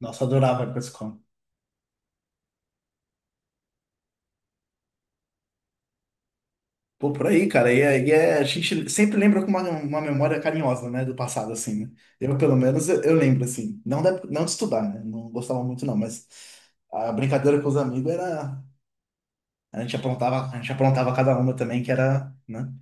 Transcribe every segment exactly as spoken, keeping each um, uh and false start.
Nossa, adorava a época escola. Pô, por aí, cara. E, é- e é- a gente sempre lembra com uma, uma memória carinhosa, né? Do passado, assim, né? Eu, pelo menos, eu, eu lembro, assim. Não, da, não de estudar, né? Não gostava muito, não. Mas a brincadeira com os amigos era. A gente aprontava, a gente aprontava cada uma também, que era, né?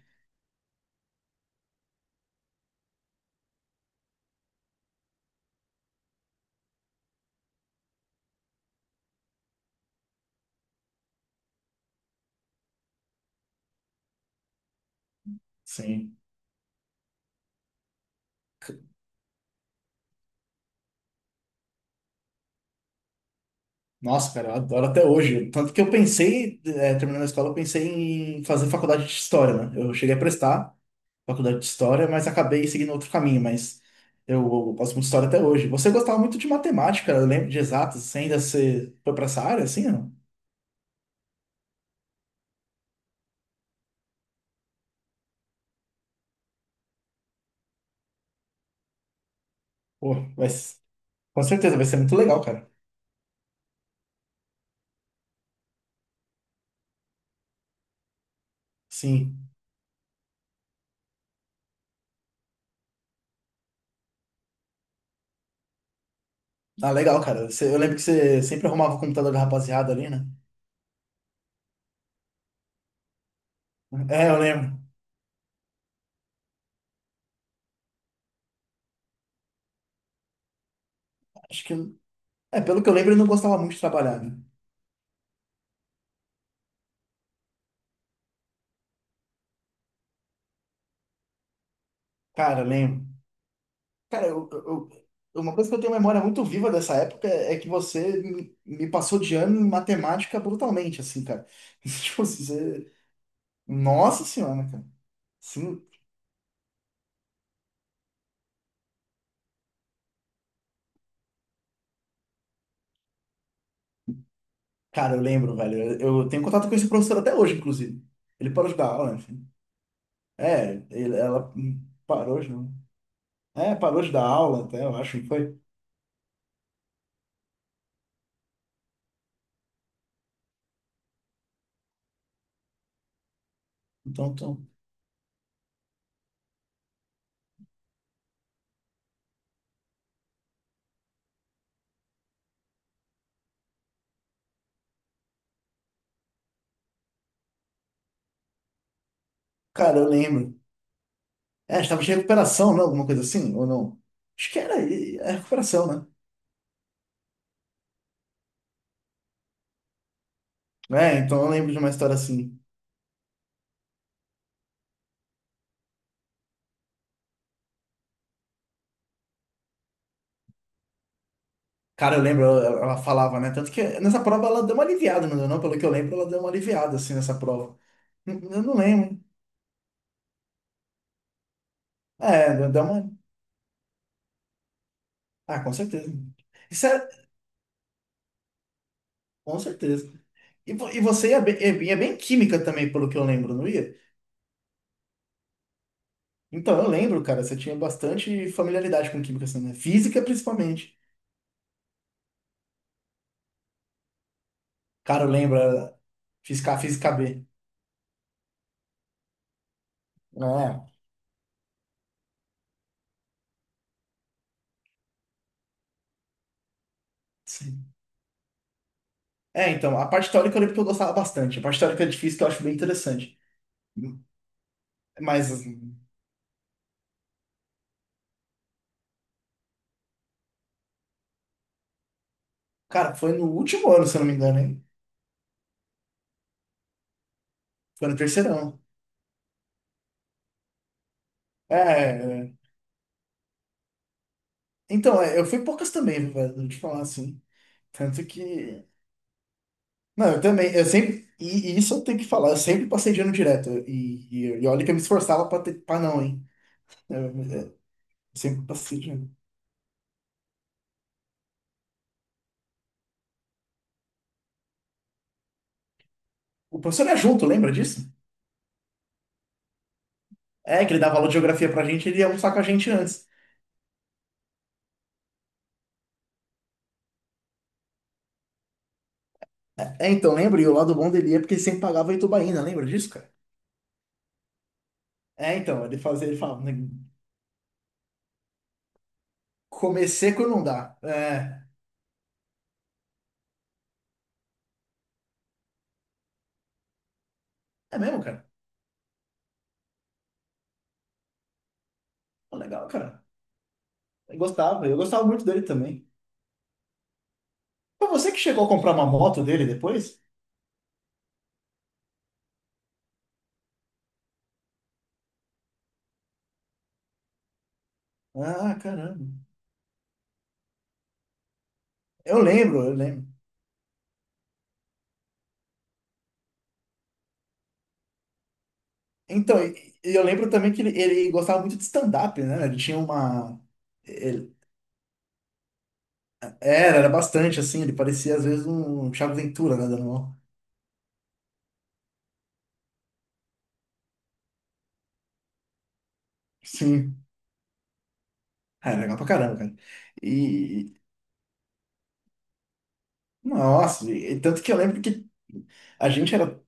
Sim. Nossa, cara, eu adoro até hoje. Tanto que eu pensei, eh, terminando a escola, eu pensei em fazer faculdade de História, né? Eu cheguei a prestar, faculdade de história, mas acabei seguindo outro caminho, mas eu, eu gosto muito de história até hoje. Você gostava muito de matemática, eu lembro de exatas, você ainda você foi pra essa área, assim, não? Pô, vai, ser- com certeza vai ser muito legal, cara. Sim. Ah, legal, cara. Você- eu lembro que você sempre arrumava o computador da rapaziada ali, né? É, eu lembro. Acho que. É, pelo que eu lembro, ele não gostava muito de trabalhar, né? Cara, eu lembro. Cara, eu, eu- eu- uma coisa que eu tenho memória muito viva dessa época é, é que você me me passou de ano em matemática brutalmente, assim, cara. Tipo, você. Nossa senhora, né, cara. Sim, cara, eu lembro, velho. Eu, eu tenho contato com esse professor até hoje, inclusive. Ele parou de dar aula, enfim. É, ele, ela hum, parou de não. É, parou de dar aula até, eu acho que foi. Então, então. Cara, eu lembro. É, estava de recuperação, não? Alguma coisa assim, ou não? Acho que era e- é recuperação, né? É, então eu lembro de uma história assim. Cara, eu lembro, ela, ela falava, né? Tanto que nessa prova ela deu uma aliviada, não deu, não? Pelo que eu lembro, ela deu uma aliviada, assim, nessa prova. Hum, Eu não lembro. É, deu uma. Ah, com certeza. Isso é, com certeza. E, vo- e você ia bem, ia bem- ia bem em química também, pelo que eu lembro, não ia? Então, eu lembro, cara, você tinha bastante familiaridade com química, assim, né? Física, principalmente. Cara, eu lembro, era física, A, física B. É, sim. É, então, a parte teórica eu lembro que eu gostava bastante. A parte teórica de física eu acho bem interessante. Mas, cara, foi no último ano, se eu não me engano, hein? Foi no terceirão. É, é, é. então, é, eu fui poucas também, velho, vou te falar assim. Tanto que Não, eu também, eu sempre, e, e isso eu tenho que falar, eu sempre passei de ano direto, e, e, e olha que eu me esforçava pra, ter, pra não, hein, eu, eu sempre passei de ano. O professor era junto, lembra disso? É, que ele dava aula de geografia pra gente, ele ia almoçar com a gente antes. É, então, lembra? E o lado bom dele é porque ele sempre pagava a Itubaína, lembra disso, cara? É, então, ele fazia, ele falava, né, comecei quando não dá. É, é mesmo, cara? Pô, legal, cara. Eu gostava, eu gostava muito dele também. Foi você que chegou a comprar uma moto dele depois? Ah, caramba. Eu lembro, eu lembro. Então, e e eu lembro também que ele, ele gostava muito de stand-up, né? Ele tinha uma. ele- Era, era bastante, assim, ele parecia às vezes um um Thiago Ventura, né? Dando uma. Sim. Ah, era legal pra caramba, cara. E. Nossa, e, e tanto que eu lembro que a gente era.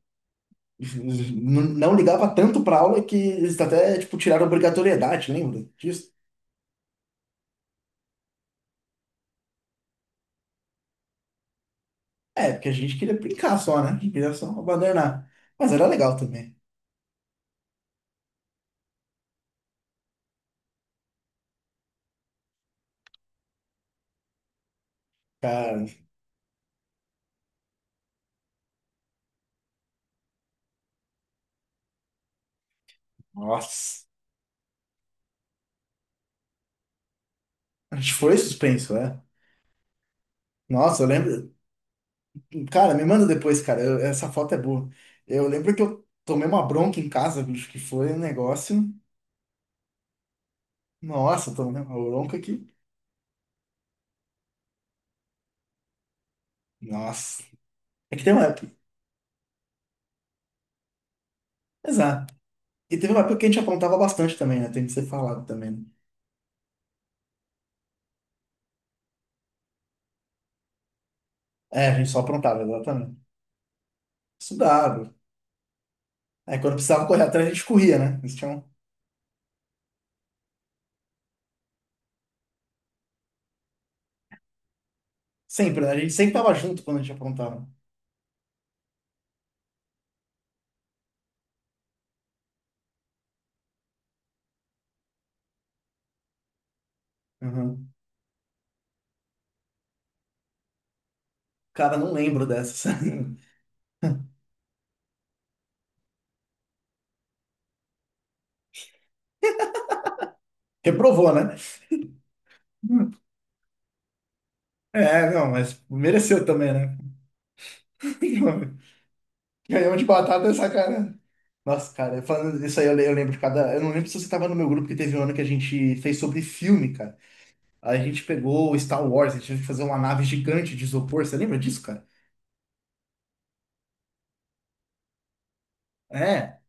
n- Não ligava tanto pra aula que eles até, tipo, tiraram a obrigatoriedade, lembra disso? É, porque a gente queria brincar só, né? A gente queria só abandonar. Mas era legal também. Cara, nossa. A gente foi suspenso, é. Nossa, eu lembro. Cara, me manda depois, cara. Eu- essa foto é boa. Eu lembro que eu tomei uma bronca em casa, bicho, que foi um negócio. Nossa, eu tomei uma bronca aqui. Nossa. É que tem uma época. Exato. E teve uma época que a gente aprontava bastante também, né? Tem que ser falado também, né? É, a gente só aprontava, exatamente. Estudava. Aí quando precisava correr atrás, a gente corria, né? Eles tinham. Sempre, né? A gente sempre tava junto quando a gente aprontava. Uhum. Cara, não lembro dessas. Reprovou, né? Hum. É, não, mas mereceu também, né? Canhão de batata é sacanagem. Nossa, cara, falando disso aí, eu le- eu lembro de cada. Eu não lembro se você tava no meu grupo, porque teve um ano que a gente fez sobre filme, cara. A gente pegou o Star Wars, a gente teve que fazer uma nave gigante de isopor. Você lembra disso, cara? É.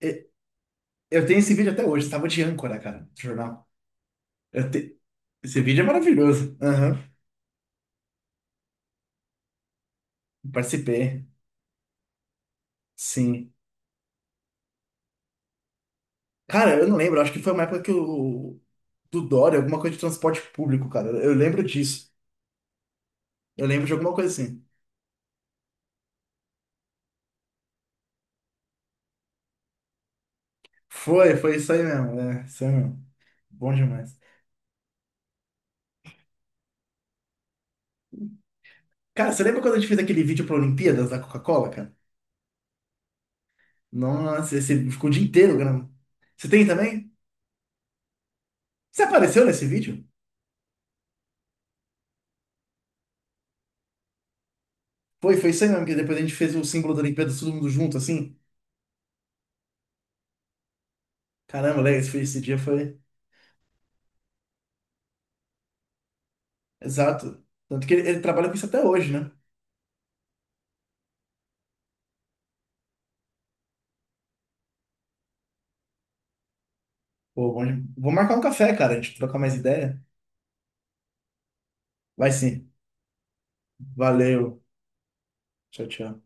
e- Eu tenho esse vídeo até hoje, tava de âncora, cara, do jornal. Eu te- Esse vídeo é maravilhoso. Aham. Participei. Sim. Cara, eu não lembro, acho que foi uma época que o. Do Dória, alguma coisa de transporte público, cara. Eu eu lembro disso. Eu lembro de alguma coisa assim. Foi, foi isso aí mesmo. É, isso aí mesmo. Bom demais. Cara, você lembra quando a gente fez aquele vídeo para Olimpíadas da Coca-Cola, cara? Nossa, esse ficou o dia inteiro gravando. Você tem também? Você apareceu nesse vídeo? Foi, foi isso aí mesmo, que depois a gente fez o símbolo da Olimpíada todo mundo junto, assim. Caramba, legal, esse, foi- esse dia foi. Exato. Tanto que ele, ele trabalha com isso até hoje, né? Pô, bom, de- vou marcar um café, cara, a gente trocar mais ideia. Vai sim. Valeu. Tchau, tchau.